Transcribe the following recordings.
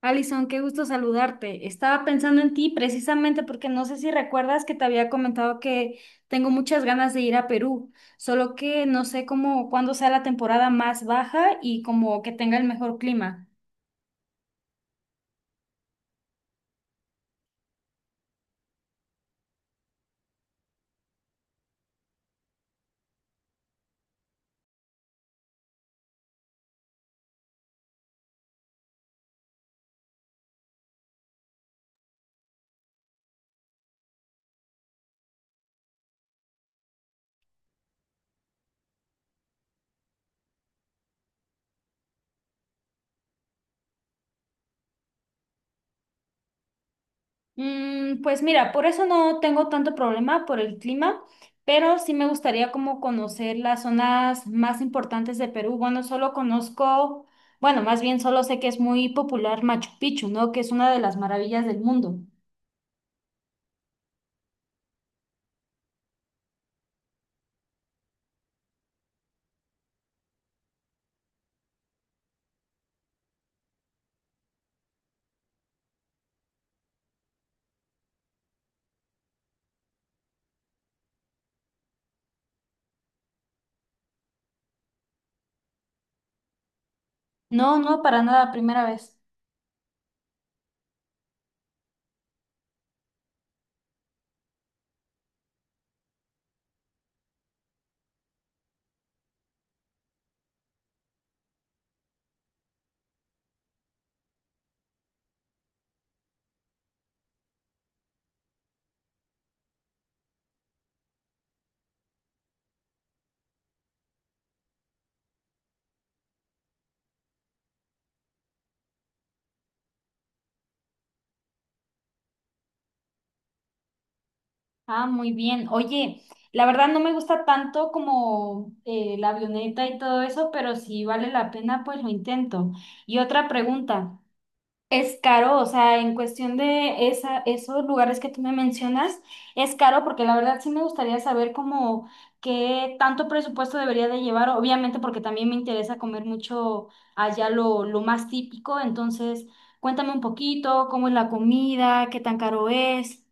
Alison, qué gusto saludarte. Estaba pensando en ti precisamente porque no sé si recuerdas que te había comentado que tengo muchas ganas de ir a Perú, solo que no sé cómo, cuándo sea la temporada más baja y como que tenga el mejor clima. Pues mira, por eso no tengo tanto problema por el clima, pero sí me gustaría como conocer las zonas más importantes de Perú. Bueno, solo conozco, bueno, más bien solo sé que es muy popular Machu Picchu, ¿no? Que es una de las maravillas del mundo. No, no, para nada, primera vez. Ah, muy bien. Oye, la verdad no me gusta tanto como la avioneta y todo eso, pero si vale la pena, pues lo intento. Y otra pregunta, ¿es caro? O sea, en cuestión de esos lugares que tú me mencionas, ¿es caro? Porque la verdad sí me gustaría saber como qué tanto presupuesto debería de llevar, obviamente porque también me interesa comer mucho allá lo más típico, entonces... Cuéntame un poquito, cómo es la comida, qué tan caro es.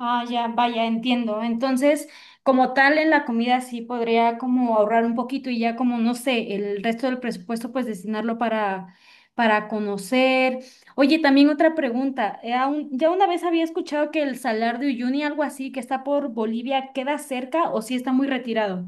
Ah, ya, vaya, entiendo. Entonces, como tal, en la comida sí podría como ahorrar un poquito y ya como, no sé, el resto del presupuesto pues destinarlo para conocer. Oye, también otra pregunta. Ya una vez había escuchado que el Salar de Uyuni, algo así, que está por Bolivia, ¿queda cerca o sí está muy retirado?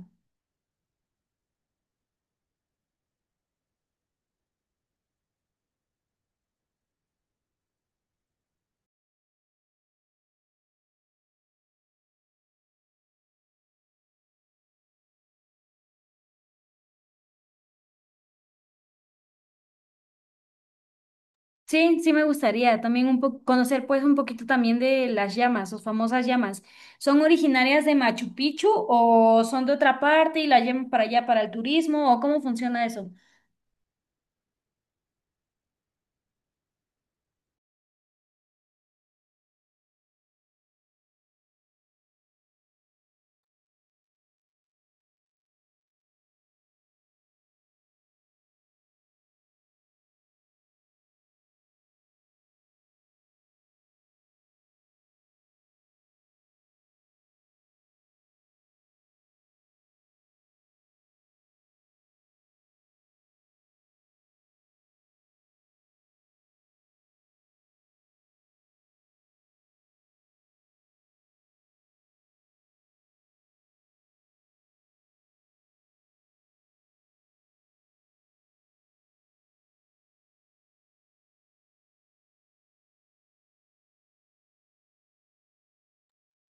Sí, sí me gustaría también un poco conocer pues un poquito también de las llamas, sus famosas llamas. ¿Son originarias de Machu Picchu o son de otra parte y las llevan para allá para el turismo o cómo funciona eso?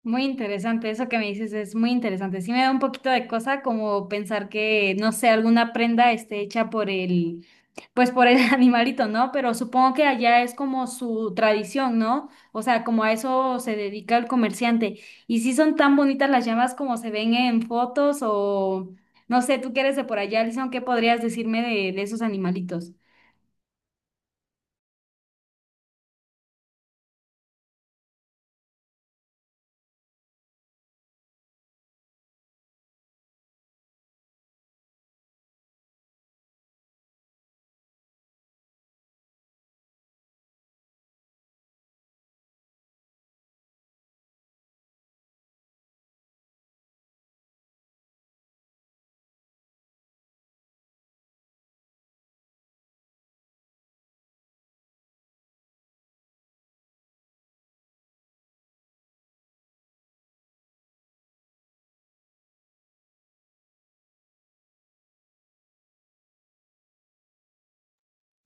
Muy interesante, eso que me dices es muy interesante. Sí me da un poquito de cosa como pensar que, no sé, alguna prenda esté hecha pues por el animalito, ¿no? Pero supongo que allá es como su tradición, ¿no? O sea, como a eso se dedica el comerciante. Y si son tan bonitas las llamas como se ven en fotos o, no sé, tú que eres de por allá, Alison, ¿qué podrías decirme de esos animalitos?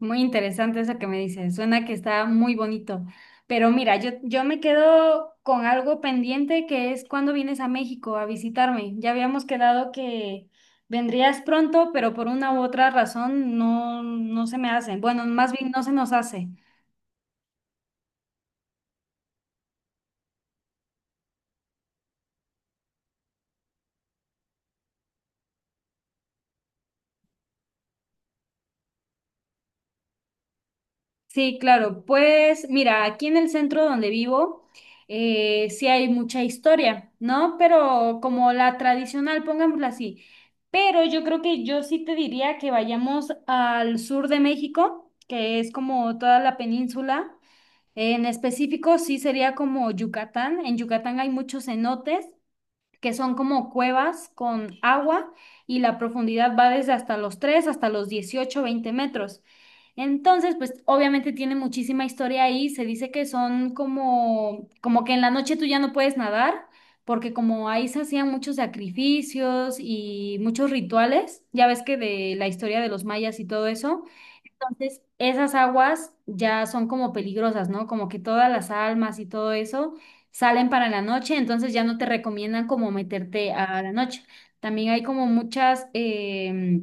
Muy interesante eso que me dices. Suena que está muy bonito. Pero mira, yo me quedo con algo pendiente que es cuando vienes a México a visitarme. Ya habíamos quedado que vendrías pronto, pero por una u otra razón no, no se me hace. Bueno, más bien no se nos hace. Sí, claro. Pues mira, aquí en el centro donde vivo sí hay mucha historia, ¿no? Pero como la tradicional, pongámosla así. Pero yo creo que yo sí te diría que vayamos al sur de México, que es como toda la península. En específico, sí sería como Yucatán. En Yucatán hay muchos cenotes que son como cuevas con agua y la profundidad va desde hasta los 3 hasta los 18 20 metros. Entonces, pues obviamente tiene muchísima historia ahí. Se dice que son como que en la noche tú ya no puedes nadar, porque como ahí se hacían muchos sacrificios y muchos rituales, ya ves que de la historia de los mayas y todo eso, entonces, esas aguas ya son como peligrosas, ¿no? Como que todas las almas y todo eso salen para la noche, entonces ya no te recomiendan como meterte a la noche. También hay como muchas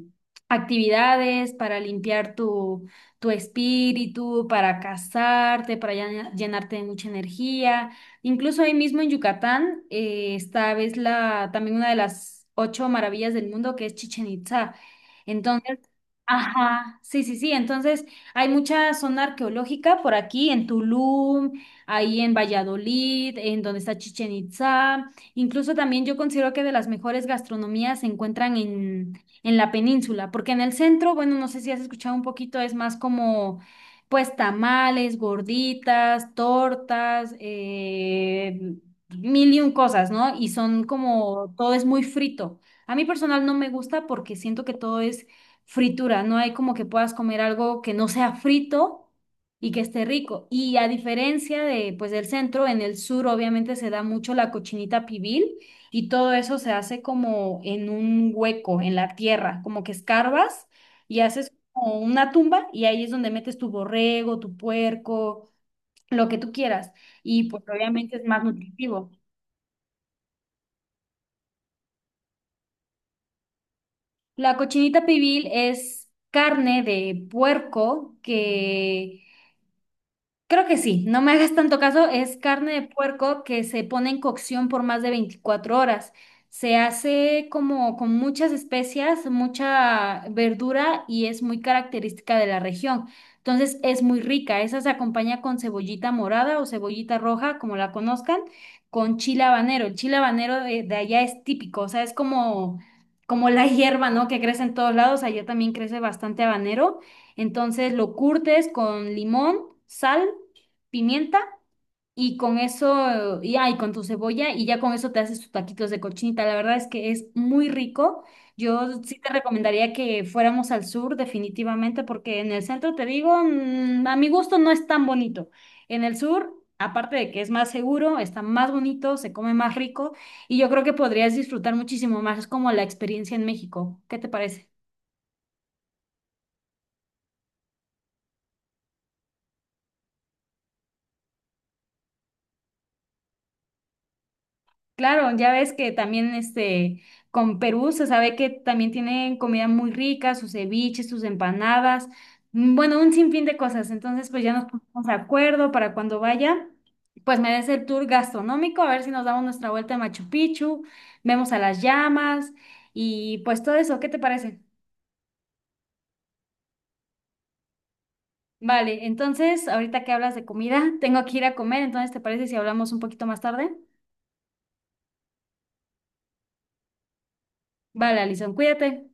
actividades para limpiar tu espíritu, para casarte, para llenarte de mucha energía. Incluso ahí mismo en Yucatán está ves la, también una de las ocho maravillas del mundo que es Chichen Itza. Entonces, Ajá, sí, sí, sí. Entonces, hay mucha zona arqueológica por aquí, en Tulum, ahí en Valladolid, en donde está Chichen Itzá. Incluso también yo considero que de las mejores gastronomías se encuentran en la península, porque en el centro, bueno, no sé si has escuchado un poquito, es más como, pues, tamales, gorditas, tortas, mil y un cosas, ¿no? Y son como, todo es muy frito. A mí personal no me gusta porque siento que todo es fritura, no hay como que puedas comer algo que no sea frito y que esté rico. Y a diferencia de, pues, del centro, en el sur obviamente se da mucho la cochinita pibil y todo eso se hace como en un hueco, en la tierra, como que escarbas y haces como una tumba y ahí es donde metes tu borrego, tu puerco, lo que tú quieras. Y pues obviamente es más nutritivo. La cochinita pibil es carne de puerco que creo que sí, no me hagas tanto caso, es carne de puerco que se pone en cocción por más de 24 horas. Se hace como con muchas especias, mucha verdura y es muy característica de la región. Entonces es muy rica, esa se acompaña con cebollita morada o cebollita roja, como la conozcan, con chile habanero. El chile habanero de allá es típico, o sea, es como, como la hierba, ¿no? Que crece en todos lados, allá también crece bastante habanero, entonces lo curtes con limón, sal, pimienta y con eso, y con tu cebolla y ya con eso te haces tus taquitos de cochinita. La verdad es que es muy rico. Yo sí te recomendaría que fuéramos al sur definitivamente porque en el centro, te digo, a mi gusto no es tan bonito. En el sur... Aparte de que es más seguro, está más bonito, se come más rico y yo creo que podrías disfrutar muchísimo más. Es como la experiencia en México. ¿Qué te parece? Claro, ya ves que también este con Perú se sabe que también tienen comida muy rica, sus ceviches, sus empanadas, bueno, un sinfín de cosas. Entonces, pues ya nos ponemos de acuerdo para cuando vaya, pues me des el tour gastronómico, a ver si nos damos nuestra vuelta a Machu Picchu, vemos a las llamas y pues todo eso, ¿qué te parece? Vale, entonces, ahorita que hablas de comida, tengo que ir a comer, entonces, ¿te parece si hablamos un poquito más tarde? Vale, Alison, cuídate.